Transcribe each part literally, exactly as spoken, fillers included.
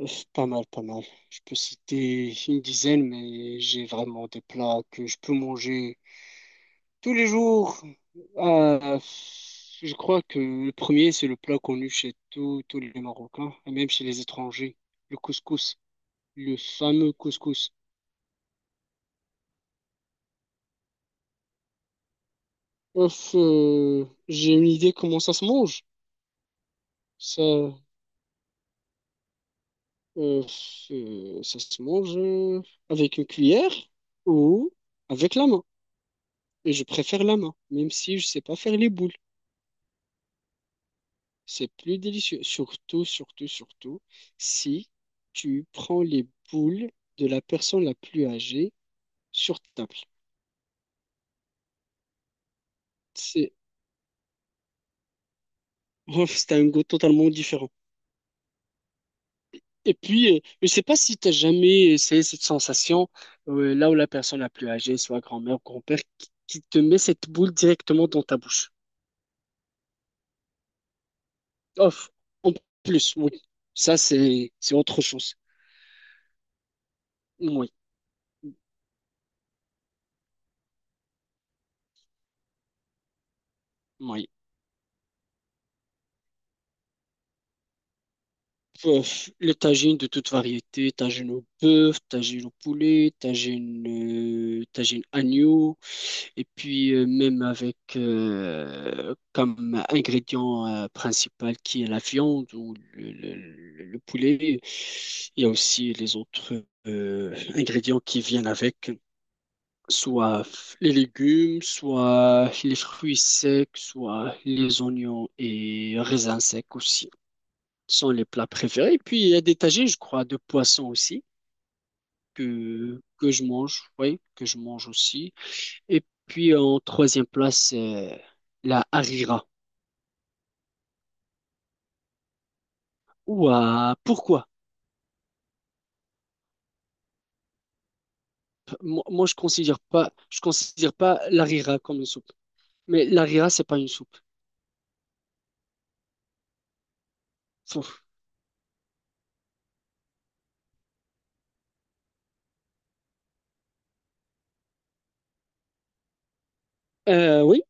Ouf, pas mal, pas mal. Je peux citer une dizaine, mais j'ai vraiment des plats que je peux manger tous les jours. Euh, je crois que le premier, c'est le plat connu chez tous tous les Marocains, et même chez les étrangers, le couscous, le fameux couscous. Ouf, euh, j'ai une idée comment ça se mange. Ça, euh, euh, Ça se mange euh, avec une cuillère ou avec la main. Et je préfère la main, même si je sais pas faire les boules. C'est plus délicieux. Surtout, surtout, surtout, si tu prends les boules de la personne la plus âgée sur ta table. C'est c'est un goût totalement différent. Et puis, euh, je ne sais pas si tu as jamais essayé cette sensation euh, là où la personne la plus âgée, soit grand-mère ou grand-père, qui, qui te met cette boule directement dans ta bouche. Off. En plus, oui. Ça, c'est c'est autre chose. Oui. Oui. Pouf, les tagines de toute variété, tagine au bœuf, tagine au poulet, tagine, euh, tagine agneau, et puis euh, même avec euh, comme ingrédient euh, principal qui est la viande ou le, le- le- le poulet. Il y a aussi les autres euh, ingrédients qui viennent avec, soit les légumes, soit les fruits secs, soit les oignons et raisins secs aussi sont les plats préférés. Puis il y a des tagines, je crois, de poissons aussi que, que je mange, oui, que je mange aussi. Et puis en troisième place, c'est la harira. Ouah, pourquoi? P- Moi, moi, je considère pas, Je considère pas l'harira comme une soupe. Mais l'harira, c'est pas une soupe. Fou. Euh, oui.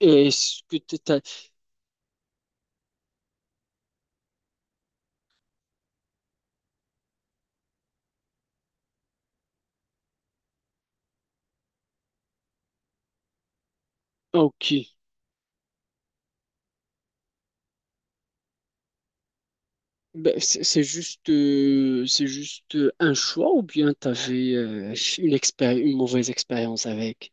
Est-ce que t'as... Ok. Ben, c'est c'est juste, euh, c'est juste euh, un choix ou bien t'avais avais une expéri- une mauvaise expérience avec?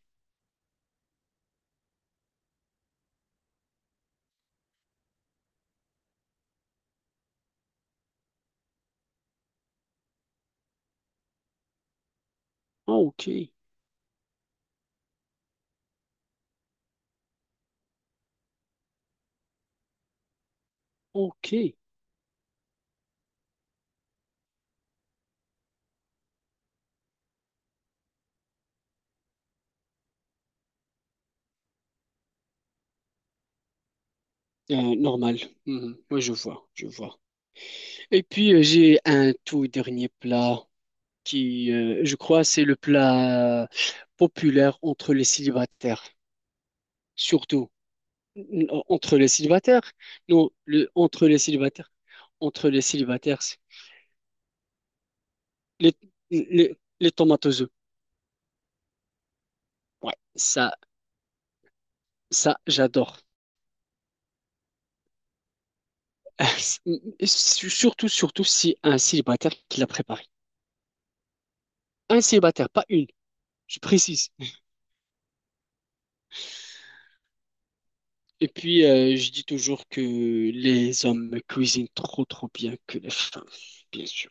Ah, ok. Ok, Euh, normal. Mhm. Ouais, je vois, je vois. Et puis euh, j'ai un tout dernier plat qui, euh, je crois, c'est le plat populaire entre les célibataires, surtout n- entre les célibataires. Non, le, entre les célibataires, entre les célibataires, c'est les les les tomates aux œufs. Ouais, ça, ça, j'adore. Surtout, surtout si un célibataire qui l'a préparé. Un célibataire, pas une. Je précise. Et puis, euh, je dis toujours que les hommes cuisinent trop, trop bien que les femmes, bien sûr.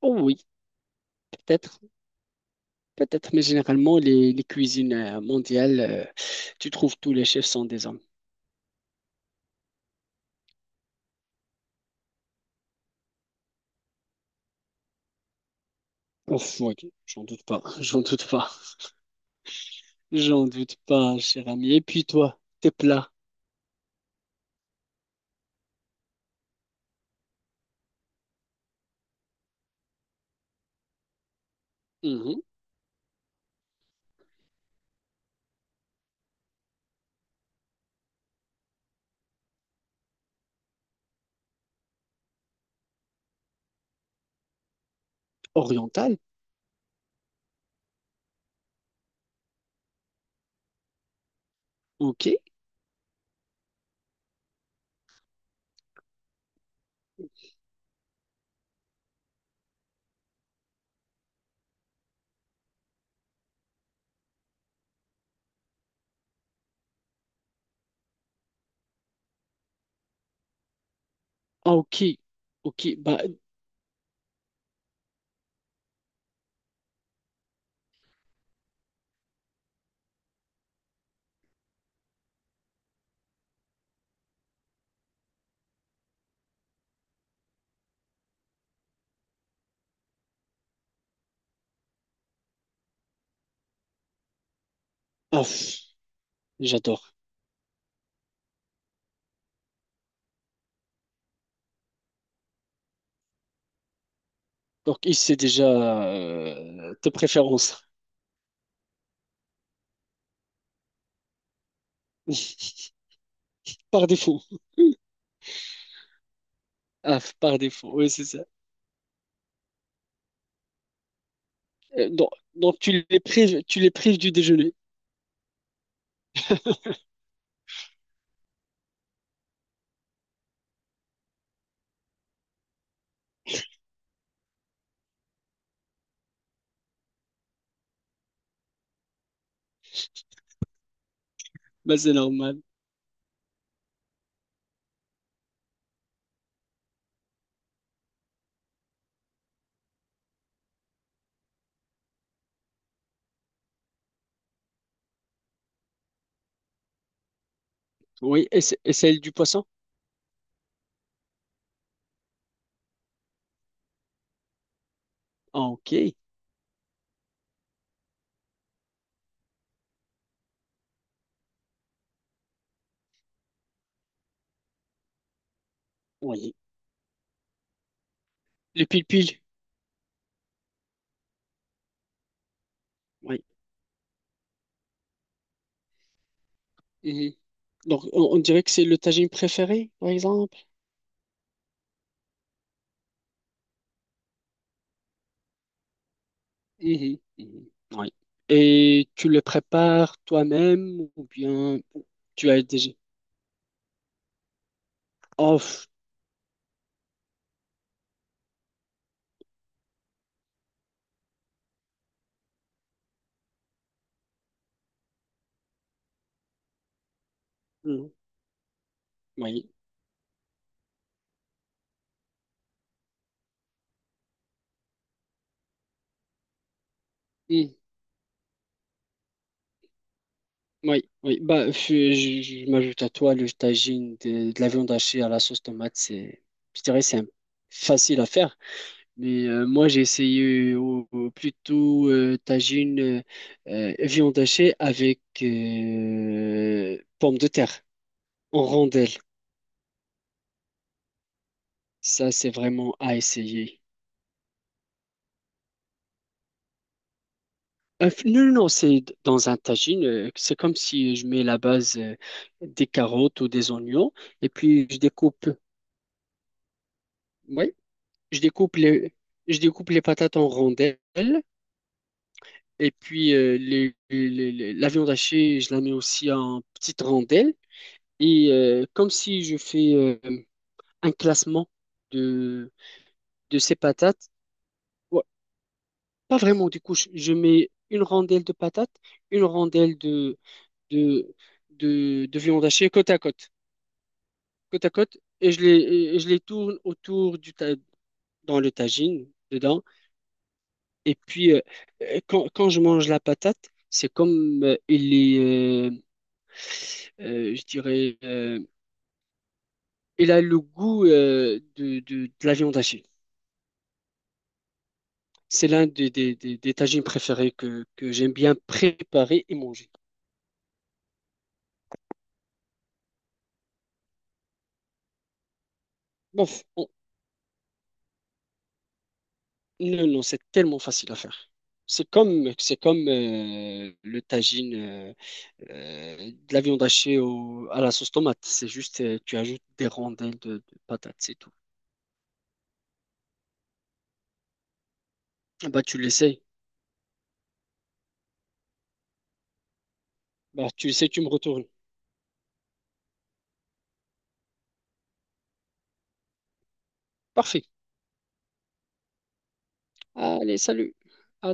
Oh oui, peut-être, peut-être, mais généralement, les, les cuisines euh, mondiales, euh, tu trouves tous les chefs sont des hommes. Ouf, oui, j'en doute pas, j'en doute pas, j'en doute pas, cher ami. Et puis toi, tes plats. Mhm. Oriental, ok, ah ok, ok, bah, ah, pff, j'adore. Donc, il sait déjà euh, tes préférences, par défaut. Ah, par défaut, oui, c'est ça. Euh, Donc, donc tu les prives, tu les prives du déjeuner. Bah, c'est normal. Oui, et, c- et celle du poisson? Ah, ok. Oui. Le pil-pil? Oui. Mhm. Donc, on, on dirait que c'est le tagine préféré, par exemple. Mhm. Mhm. Oui. Et tu le prépares toi-même ou bien tu as déjà... Oh, pff, mhm. Oui. Mhm. Oui, oui. Bah, je, je- je m'ajoute à toi le tagine de, de la viande hachée à la sauce tomate. C'est, je dirais, c'est un- facile à faire. Mais euh, moi, j'ai essayé au- au- plutôt euh, tagine euh, euh, viande hachée avec euh, pommes de terre en rondelles. Ça, c'est vraiment à essayer. Euh, non, non, non, c'est d- dans un tagine. Euh, c'est comme si je mets la base euh, des carottes ou des oignons et puis je découpe. Oui, je découpe les, je découpe les patates en rondelles. Et puis, euh, les- les- les- la viande hachée, je la mets aussi en petites rondelles. Et euh, comme si je fais euh, un classement de, de ces patates. Ouais, pas vraiment du coup, je, je mets une rondelle de patates, une rondelle de, de, de, de viande hachée côte à côte, côte à côte, et je les, et je les tourne autour du ta- dans le tagine, dedans. Et puis, euh, euh, quand, quand je mange la patate, c'est comme euh, il est, euh, euh, je dirais, euh, il a le goût euh, de, de, de la viande hachée. C'est l'un des, des, des, des tagines préférés que, que j'aime bien préparer et manger. Bon, on- non, non, c'est tellement facile à faire. C'est comme, c'est comme euh, le tagine euh, euh, de la viande hachée au- à la sauce tomate. C'est juste, euh, tu ajoutes des rondelles de, de patates, c'est tout. Ah bah, tu l'essayes. Bah, tu l'essayes, tu me retournes. Parfait. Allez, salut. À